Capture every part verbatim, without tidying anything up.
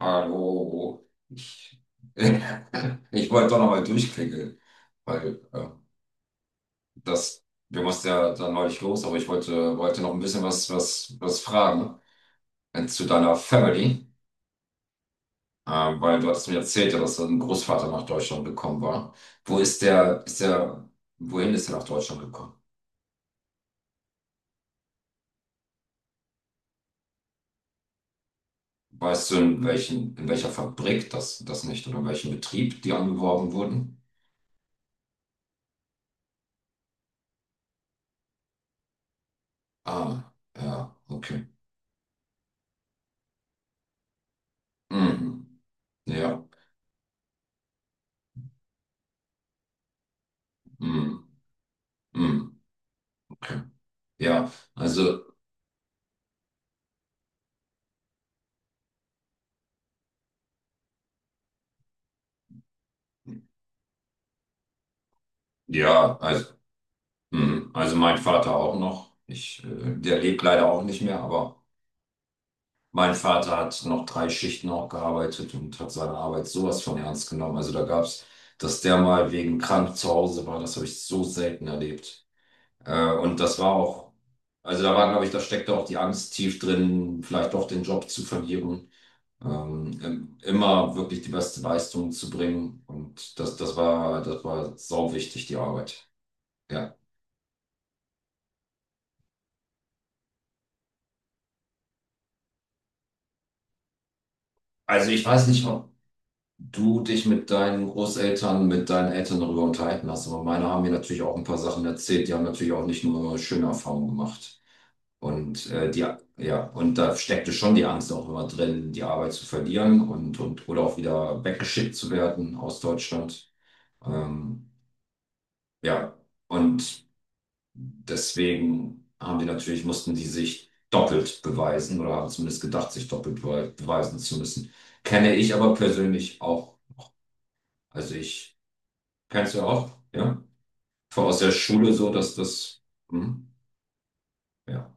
Hallo, ich, ich wollte doch nochmal durchklingeln, weil äh, das, wir mussten ja dann neulich los, aber ich wollte, wollte noch ein bisschen was, was, was fragen äh, zu deiner Family, äh, weil du hattest mir erzählt, ja, dass dein Großvater nach Deutschland gekommen war. Wo ist der, ist der, wohin ist er nach Deutschland gekommen? Weißt du, in welchen, in welcher Fabrik das, das nicht oder in welchem Betrieb die angeworben wurden? Ah, ja, okay. Mhm. Ja. Mhm. Mhm. Okay. Ja, also, ja, also, mhm. Also mein Vater auch noch. Ich, äh, der lebt leider auch nicht mehr, aber mein Vater hat noch drei Schichten auch gearbeitet und hat seine Arbeit sowas von ernst genommen. Also da gab's, dass der mal wegen krank zu Hause war, das habe ich so selten erlebt. Äh, und das war auch, also da war, glaube ich, da steckte auch die Angst tief drin, vielleicht doch den Job zu verlieren. Ähm, im- immer wirklich die beste Leistung zu bringen. Und das, das war, das war sau wichtig, die Arbeit. Ja. Also ich weiß nicht, ob du dich mit deinen Großeltern, mit deinen Eltern darüber unterhalten hast, aber meine haben mir natürlich auch ein paar Sachen erzählt. Die haben natürlich auch nicht nur schöne Erfahrungen gemacht. Und äh, die, ja, und da steckte schon die Angst auch immer drin, die Arbeit zu verlieren und, und oder auch wieder weggeschickt zu werden aus Deutschland. Ähm, ja, und deswegen haben die natürlich, mussten die sich doppelt beweisen oder haben zumindest gedacht, sich doppelt bewe- beweisen zu müssen. Kenne ich aber persönlich auch. Also ich kennst du auch, ja? Vor- Aus der Schule so, dass das, hm, ja.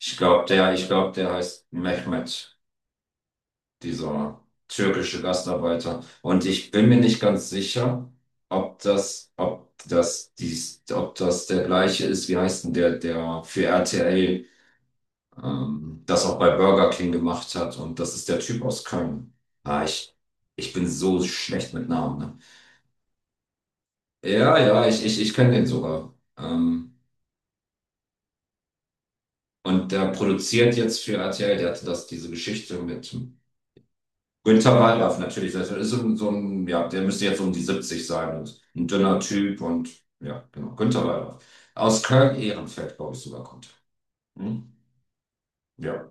Ich glaube, der, ich glaube, der heißt Mehmet, dieser türkische Gastarbeiter. Und ich bin mir nicht ganz sicher, ob das, ob das dies, ob das der gleiche ist, wie heißt denn der, der für R T L, ähm, das auch bei Burger King gemacht hat. Und das ist der Typ aus Köln. Ah, ich, ich bin so schlecht mit Namen, ne? Ja, ja, ich, ich, ich kenne den sogar. Ähm, Und der produziert jetzt für R T L, der hatte das, diese Geschichte mit Günter Wallraff natürlich. Das ist so ein, so ein, ja, der müsste jetzt so um die siebzig sein und ein dünner Typ und ja, genau, Günter Wallraff. Aus Köln-Ehrenfeld, glaube ich, sogar kommt er. Hm? Ja.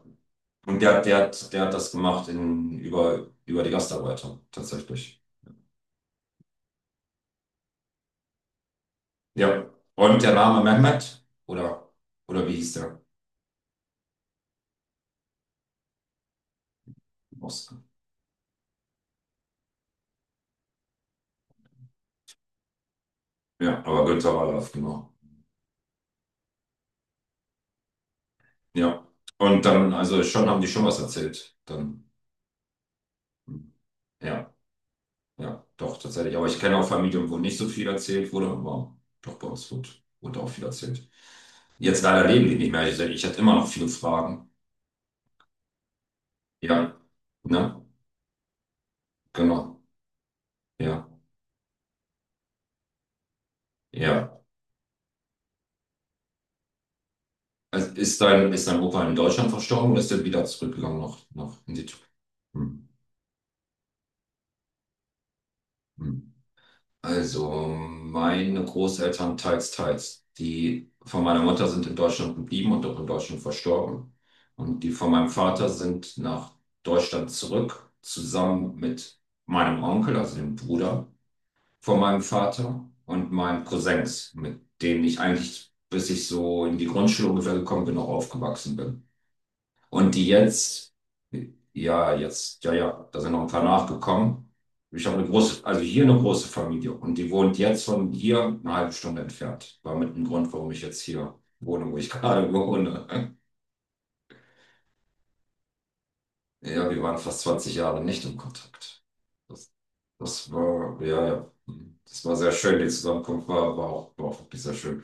Und der, der hat, der hat das gemacht in, über, über die Gastarbeiter, tatsächlich. Ja. Und der Name Mehmet, oder, oder wie hieß der? Oskar. Ja, aber Günter Wallraff, genau. Ja. Und dann, also schon haben die schon was erzählt. Dann. Ja, ja, doch, tatsächlich. Aber ich kenne auch Familien, wo nicht so viel erzählt wurde, aber doch bei uns wurde, wurde, auch viel erzählt. Jetzt leider leben die nicht mehr. Ich, ich hatte immer noch viele Fragen. Ja, ne? Genau. Ja, ja. Also ist dein, ist dein Opa in Deutschland verstorben oder ist er wieder zurückgegangen nach, nach in die Türkei? Hm. Hm. Also meine Großeltern teils, teils. Die von meiner Mutter sind in Deutschland geblieben und auch in Deutschland verstorben. Und die von meinem Vater sind nach Deutschland zurück, zusammen mit meinem Onkel, also dem Bruder von meinem Vater und meinen Cousins, mit denen ich eigentlich, bis ich so in die Grundschule ungefähr gekommen bin, noch aufgewachsen bin. Und die jetzt, ja, jetzt, ja, ja, da sind noch ein paar nachgekommen. Ich habe eine große, also hier eine große Familie und die wohnt jetzt von hier eine halbe Stunde entfernt. War mit dem Grund, warum ich jetzt hier wohne, wo ich gerade wohne. Ja, wir waren fast zwanzig Jahre nicht im Kontakt. Das war, ja, ja, das war sehr schön. Die Zusammenkunft war, war auch, war auch wirklich sehr schön.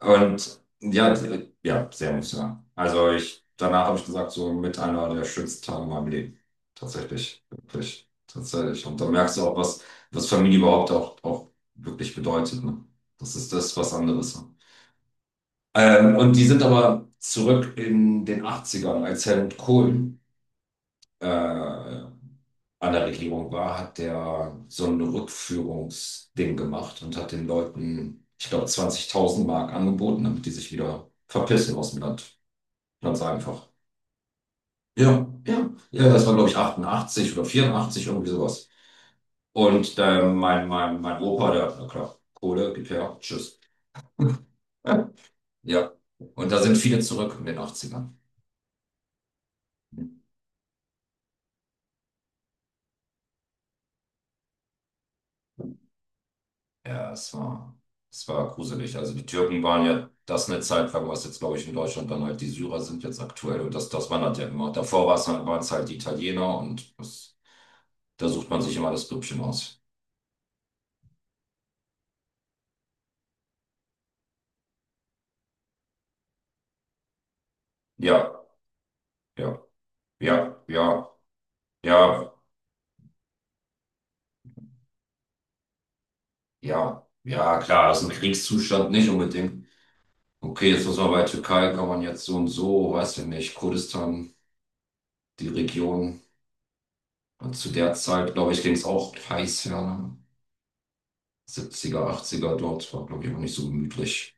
Und ja, die- ja, sehr emotional. Also ich, danach habe ich gesagt, so mit einer der schönsten Tage in meinem Leben. Tatsächlich, wirklich, tatsächlich. Und da merkst du auch, was, was Familie überhaupt auch, auch wirklich bedeutet, ne? Das ist das, was anderes, ne? Ähm, und die sind aber zurück in den Achtzigern, als Helmut Kohl äh, an der Regierung war, hat der so ein Rückführungsding gemacht und hat den Leuten, ich glaube, zwanzigtausend Mark angeboten, damit die sich wieder verpissen aus dem Land. Ganz einfach. Ja, ja, ja, das war, glaube ich, achtundachtzig oder vierundachtzig irgendwie sowas. Und äh, mein, mein, mein Opa, der, na klar, Kohle, gib her, tschüss. Ja, und da sind viele zurück in den Achtzigern. Ja, es war, es war gruselig. Also die Türken waren ja das eine Zeit lang, was jetzt, glaube ich, in Deutschland dann halt die Syrer sind jetzt aktuell. Und das, das wandert ja immer. Davor war es halt, waren es halt die Italiener und das, da sucht man sich immer das Grüppchen aus. Ja, ja, ja, ja, ja, ja, ja, klar, das ist ein Kriegszustand, nicht unbedingt. Okay, jetzt muss man bei Türkei, kann man jetzt so und so, weiß ich nicht, Kurdistan, die Region. Und zu der Zeit, glaube ich, ging es auch heiß, ja, ne? siebziger, dort, war, glaube ich, auch nicht so gemütlich.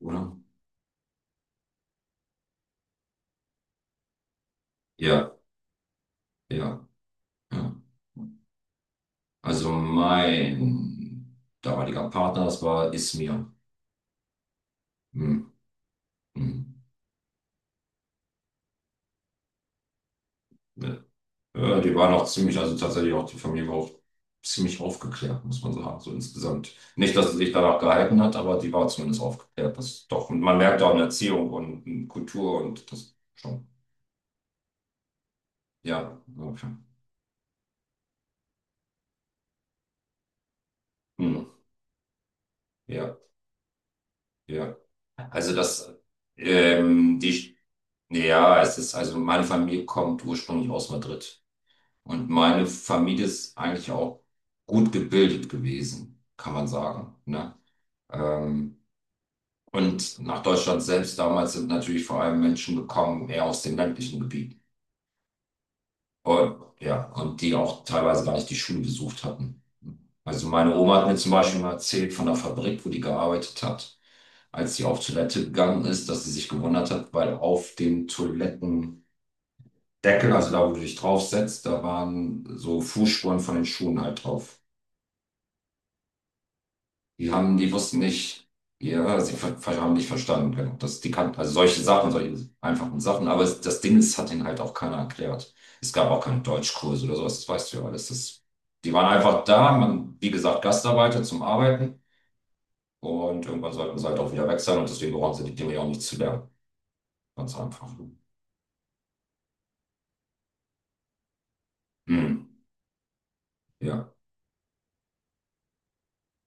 Oder? Ja, ja, ja. Also mein damaliger Partner, das war Ismir. Hm, hm. Ja. Ja, die waren auch ziemlich, also tatsächlich auch die Familie war auch ziemlich aufgeklärt, muss man sagen, so insgesamt. Nicht, dass sie sich danach gehalten hat, aber die war zumindest aufgeklärt. Das doch, und man merkt auch in Erziehung und in Kultur und das schon. Ja, okay. Hm, ja, ja. Also das, ähm, die, ja, es ist, also meine Familie kommt ursprünglich aus Madrid. Und meine Familie ist eigentlich auch gut gebildet gewesen, kann man sagen, ne? Ähm, und nach Deutschland selbst damals sind natürlich vor allem Menschen gekommen, eher aus dem ländlichen Gebiet. Und, ja, und die auch teilweise gar nicht die Schule besucht hatten. Also meine Oma hat mir zum Beispiel mal erzählt von der Fabrik, wo die gearbeitet hat, als sie auf Toilette gegangen ist, dass sie sich gewundert hat, weil auf dem Toilettendeckel, also da, wo du dich draufsetzt, da waren so Fußspuren von den Schuhen halt drauf. Die haben, die wussten nicht, ja, sie ver ver- haben nicht verstanden, genau. Das, die kannten, also solche Sachen, solche einfachen Sachen, aber es, das Ding ist, hat ihnen halt auch keiner erklärt. Es gab auch keinen Deutschkurs oder sowas, das weißt du ja alles. Das, die waren einfach da, man, wie gesagt, Gastarbeiter zum Arbeiten und irgendwann sollten sie halt auch wieder weg sein und deswegen brauchen sie die Dinge ja auch nicht zu lernen. Ganz einfach. Hm, ja,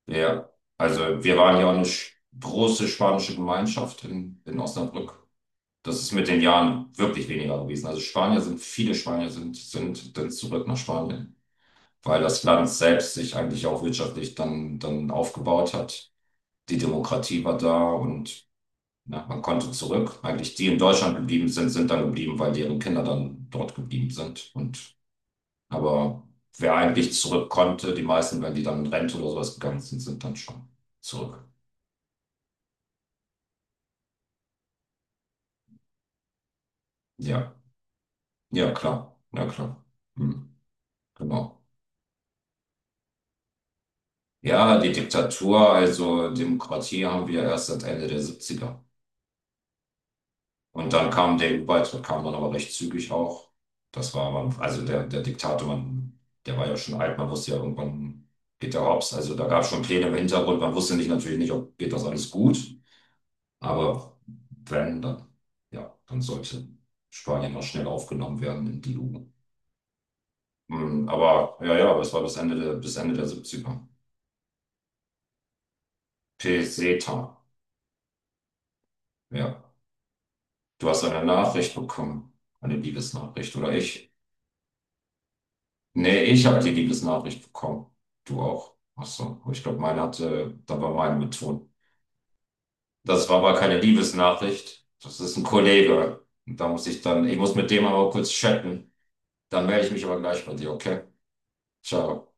ja. Also wir waren ja auch eine sch- große spanische Gemeinschaft in, in Osnabrück. Das ist mit den Jahren wirklich weniger gewesen. Also Spanier sind, viele Spanier sind, sind dann zurück nach Spanien, weil das Land selbst sich eigentlich auch wirtschaftlich dann, dann aufgebaut hat. Die Demokratie war da und ja, man konnte zurück. Eigentlich die in Deutschland geblieben sind, sind dann geblieben, weil deren Kinder dann dort geblieben sind. Und aber wer eigentlich zurück konnte, die meisten, wenn die dann in Rente oder sowas gegangen sind, sind dann schon zurück. Ja, ja, klar. Ja, klar. Hm, genau. Ja, die Diktatur, also Demokratie haben wir erst seit Ende der siebziger. Und dann kam der E U-Beitritt, kam dann aber recht zügig auch. Das war, man, also der, der Diktator, man, der war ja schon alt, man wusste ja irgendwann geht der hops. Also da gab es schon Pläne im Hintergrund, man wusste nicht natürlich nicht, ob geht das alles gut. Aber wenn, dann, ja, dann sollte Spanien auch schnell aufgenommen werden in die E U. Hm, aber ja, ja, aber es war bis Ende der, bis Ende der siebziger. Peseta. Ja. Du hast eine Nachricht bekommen. Eine Liebesnachricht, oder ich? Nee, ich habe die Liebesnachricht bekommen. Du auch. Ach so. Ich glaube, meine hatte, da war meine mit Ton. Das war aber keine Liebesnachricht. Das ist ein Kollege. Und da muss ich dann, ich muss mit dem aber kurz chatten. Dann melde ich mich aber gleich bei dir, okay? Ciao.